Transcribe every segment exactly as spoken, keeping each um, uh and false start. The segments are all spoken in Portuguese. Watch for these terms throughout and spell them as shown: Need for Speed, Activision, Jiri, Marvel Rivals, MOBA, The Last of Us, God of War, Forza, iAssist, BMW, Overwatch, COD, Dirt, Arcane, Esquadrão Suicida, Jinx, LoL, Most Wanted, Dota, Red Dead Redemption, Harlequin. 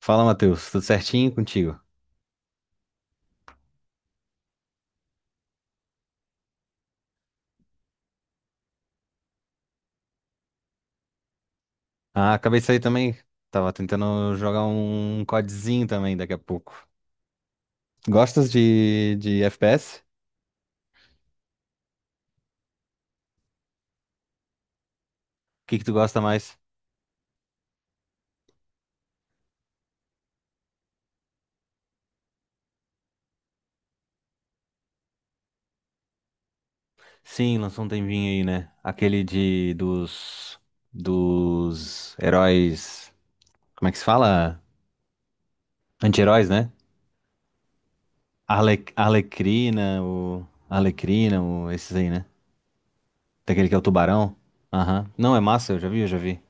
Fala, Matheus. Tudo certinho contigo? Ah, acabei de sair também. Tava tentando jogar um codezinho também daqui a pouco. Gostas de, de F P S? O que que tu gosta mais? Sim, lançou um tempinho aí, né? Aquele de dos dos heróis, como é que se fala? Anti-heróis, né? Arle, Arlequina, o Arlequina, o esses aí, né? Daquele que é o tubarão. Aham. Não, é massa, eu já vi, eu já vi.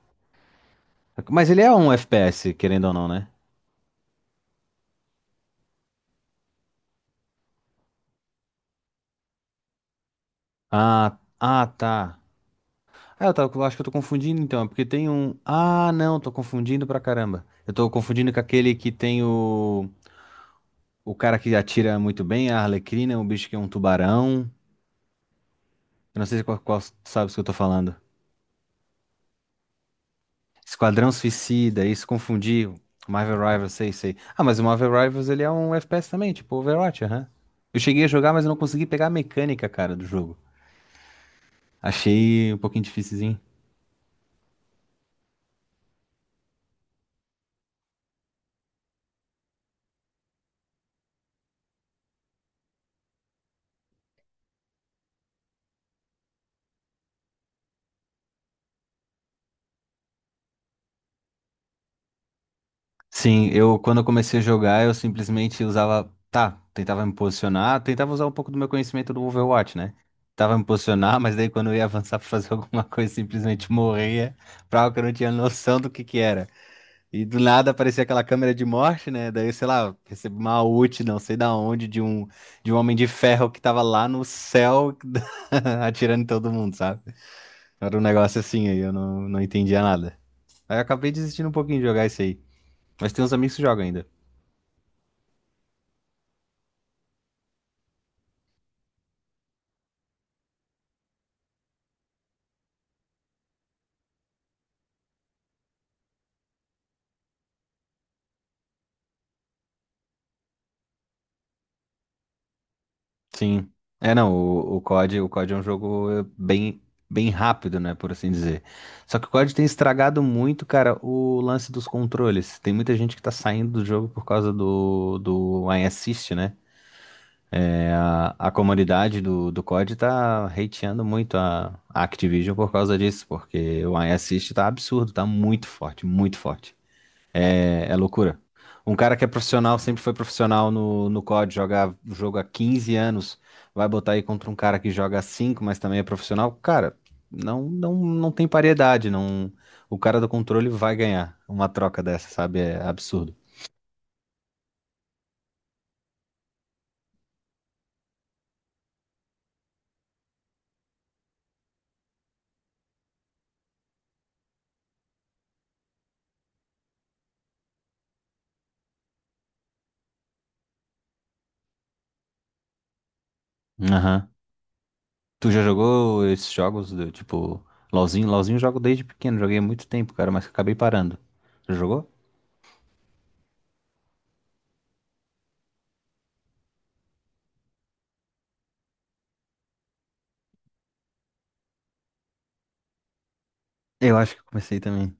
Mas ele é um F P S, querendo ou não, né? Ah, ah, tá. Ah, eu, tava, eu acho que eu tô confundindo então, é porque tem um. Ah, não, tô confundindo pra caramba. Eu tô confundindo com aquele que tem o. O cara que atira muito bem, a Arlequina, o bicho que é um tubarão. Eu não sei qual, qual sabe o que eu tô falando. Esquadrão Suicida, isso confundi. Marvel Rivals, sei, sei. Ah, mas o Marvel Rivals ele é um F P S também, tipo Overwatch, aham. Eu cheguei a jogar, mas eu não consegui pegar a mecânica, cara, do jogo. Achei um pouquinho difícil. Sim, eu quando eu comecei a jogar, eu simplesmente usava, tá, tentava me posicionar, tentava usar um pouco do meu conhecimento do Overwatch, né? Tentava me posicionar, mas daí quando eu ia avançar pra fazer alguma coisa, simplesmente morria, pra algo que eu não tinha noção do que que era. E do nada aparecia aquela câmera de morte, né? Daí, sei lá, recebi uma ult, não sei da onde, de um de um homem de ferro que tava lá no céu atirando em todo mundo, sabe? Era um negócio assim aí, eu não, não entendia nada. Aí eu acabei desistindo um pouquinho de jogar isso aí. Mas tem uns amigos que jogam ainda. Sim. É, não, o, o COD, o COD é um jogo eh, bem, bem rápido, né, por assim dizer. Só que o COD tem estragado muito, cara, o lance dos controles. Tem muita gente que tá saindo do jogo por causa do, do iAssist, né? É, a, a comunidade do, do COD tá hateando muito a, a Activision por causa disso, porque o iAssist tá absurdo, tá muito forte, muito forte. É, é loucura. Um cara que é profissional, sempre foi profissional no, no COD, joga o jogo há quinze anos, vai botar aí contra um cara que joga há cinco, mas também é profissional. Cara, não, não, não tem paridade, não. O cara do controle vai ganhar uma troca dessa, sabe? É absurdo. Aham. Tu já jogou esses jogos do tipo LoLzinho? LoLzinho eu jogo desde pequeno, joguei há muito tempo, cara, mas acabei parando. Já jogou? Eu acho que comecei também.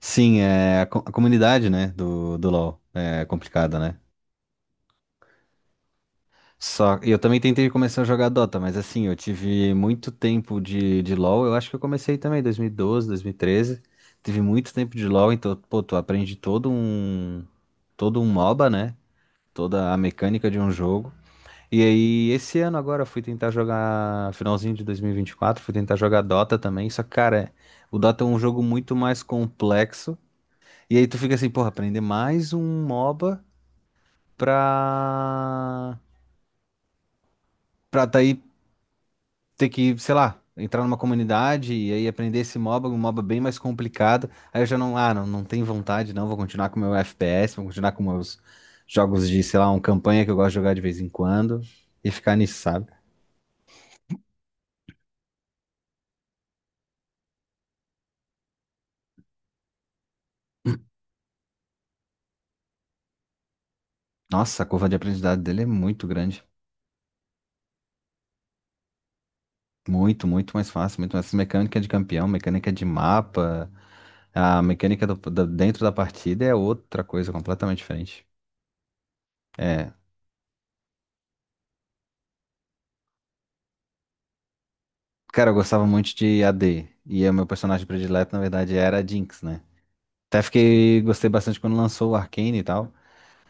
Sim, é a, co- a comunidade, né, do, do LoL é complicada, né? Só, eu também tentei começar a jogar Dota, mas assim, eu tive muito tempo de, de LoL. Eu acho que eu comecei também em dois mil e doze, dois mil e treze. Tive muito tempo de LoL, então, pô, tu aprende todo um, todo um MOBA, né? Toda a mecânica de um jogo. E aí, esse ano agora, eu fui tentar jogar, finalzinho de dois mil e vinte e quatro, fui tentar jogar Dota também. Só que, cara, o Dota é um jogo muito mais complexo. E aí tu fica assim, porra, aprender mais um MOBA pra pra tá aí ter que, sei lá, entrar numa comunidade e aí aprender esse MOBA, um MOBA bem mais complicado. Aí eu já não, ah, não, não tenho vontade, não, vou continuar com o meu F P S, vou continuar com meus jogos de, sei lá, uma campanha que eu gosto de jogar de vez em quando e ficar nisso, sabe? Nossa, a curva de aprendizado dele é muito grande. Muito, muito mais fácil. Muito mais mecânica de campeão, mecânica de mapa, a mecânica do- da- dentro da partida é outra coisa completamente diferente. É. Cara, eu gostava muito de A D. E o meu personagem predileto, na verdade, era a Jinx, né? Até fiquei, gostei bastante quando lançou o Arcane e tal,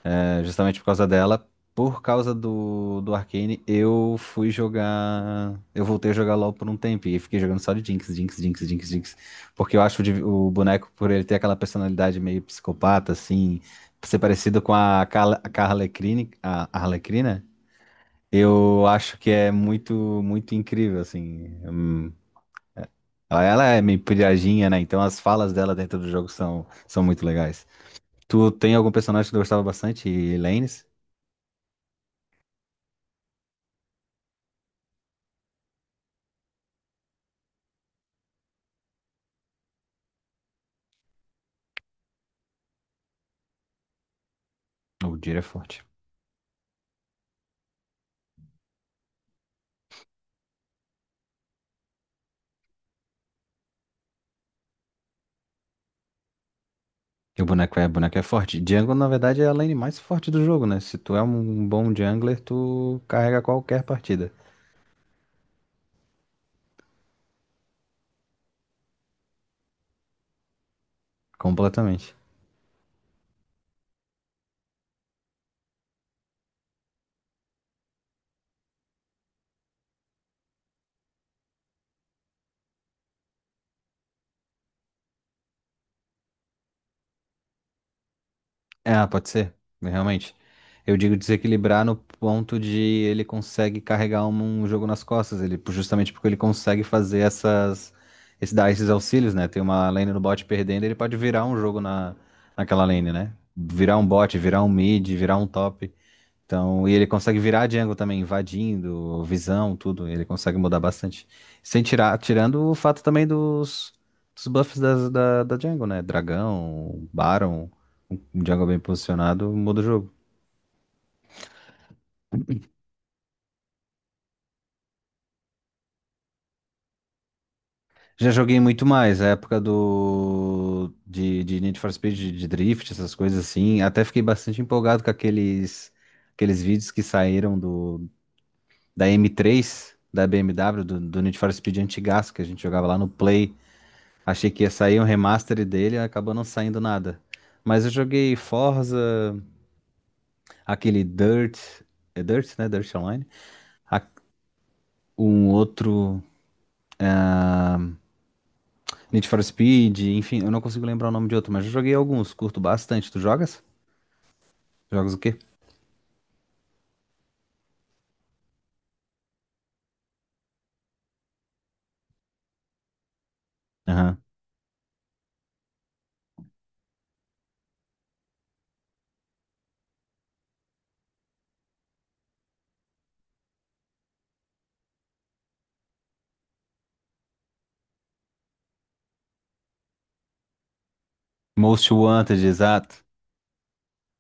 é, justamente por causa dela. Por causa do, do Arcane, eu fui jogar. Eu voltei a jogar LoL por um tempo e fiquei jogando só de Jinx, Jinx, Jinx, Jinx, Jinx. Porque eu acho o, div- o boneco, por ele ter aquela personalidade meio psicopata, assim, ser parecido com a, Carla- a Harlequin, a a Arlequina, eu acho que é muito, muito incrível, assim. Hum, Ela ela é meio piradinha, né? Então as falas dela dentro do jogo são, são muito legais. Tu tem algum personagem que tu gostava bastante? E Lanes? O Jiri é forte. E o boneco é, boneco é forte. Jungle, na verdade, é a lane mais forte do jogo, né? Se tu é um bom jungler, tu carrega qualquer partida. Completamente. Ah, pode ser. Realmente. Eu digo desequilibrar no ponto de ele consegue carregar um, um jogo nas costas. Ele, justamente porque ele consegue fazer essas. Esse, dar esses auxílios, né? Tem uma lane no bot perdendo, ele pode virar um jogo na, naquela lane, né? Virar um bot, virar um mid, virar um top. Então, e ele consegue virar a Django também, invadindo, visão, tudo. Ele consegue mudar bastante. Sem tirar, tirando o fato também dos, dos buffs das- da, da Django, né? Dragão, Baron, um Django bem posicionado, muda o jogo. Já joguei muito mais, a época do de, de Need for Speed, de, de Drift, essas coisas assim. Até fiquei bastante empolgado com aqueles, aqueles vídeos que saíram do, da M três, da B M W, do, do Need for Speed antigaço, que a gente jogava lá no Play. Achei que ia sair um remaster dele, acabou não saindo nada. Mas eu joguei Forza, aquele Dirt, é Dirt, né? Dirt Online. A- Um outro Need for Speed, enfim, eu não consigo lembrar o nome de outro, mas eu joguei alguns, curto bastante. Tu jogas? Jogas o quê? Aham. Most Wanted, exato.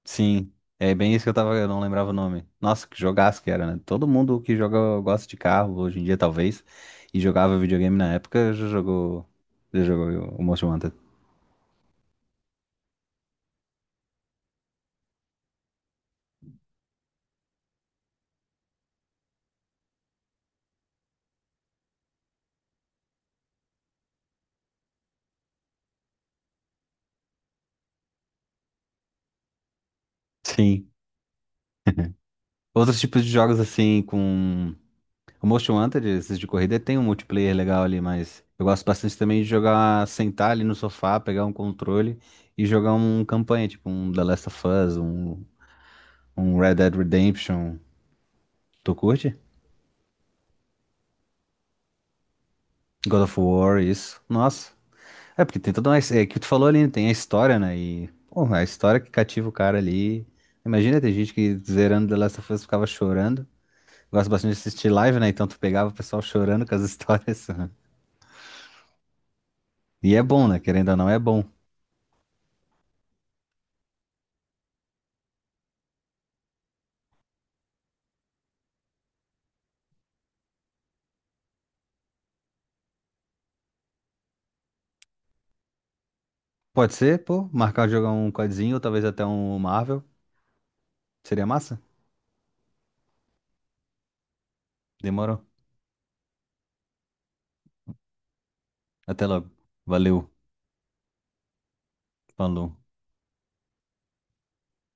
Sim. É bem isso que eu tava, eu não lembrava o nome. Nossa, que jogaço que era, né? Todo mundo que joga gosta de carro hoje em dia, talvez, e jogava videogame na época, já jogou, já jogou o Most Wanted. Sim. Outros tipos de jogos assim, com o Most Wanted, esses de corrida, tem um multiplayer legal ali, mas eu gosto bastante também de jogar, sentar ali no sofá, pegar um controle e jogar um campanha, tipo um The Last of Us, um, um Red Dead Redemption. Tu curte? God of War, isso. Nossa. É, porque tem toda uma. É que tu falou ali, tem a história, né? E, pô, a história que cativa o cara ali. Imagina, tem gente que zerando The Last of Us ficava chorando. Gosto bastante de assistir live, né? Então tu pegava o pessoal chorando com as histórias. E é bom, né? Querendo ou não, é bom. Pode ser, pô, marcar jogar um codzinho ou talvez até um Marvel. Seria massa? Demorou. Até logo. Valeu. Falou.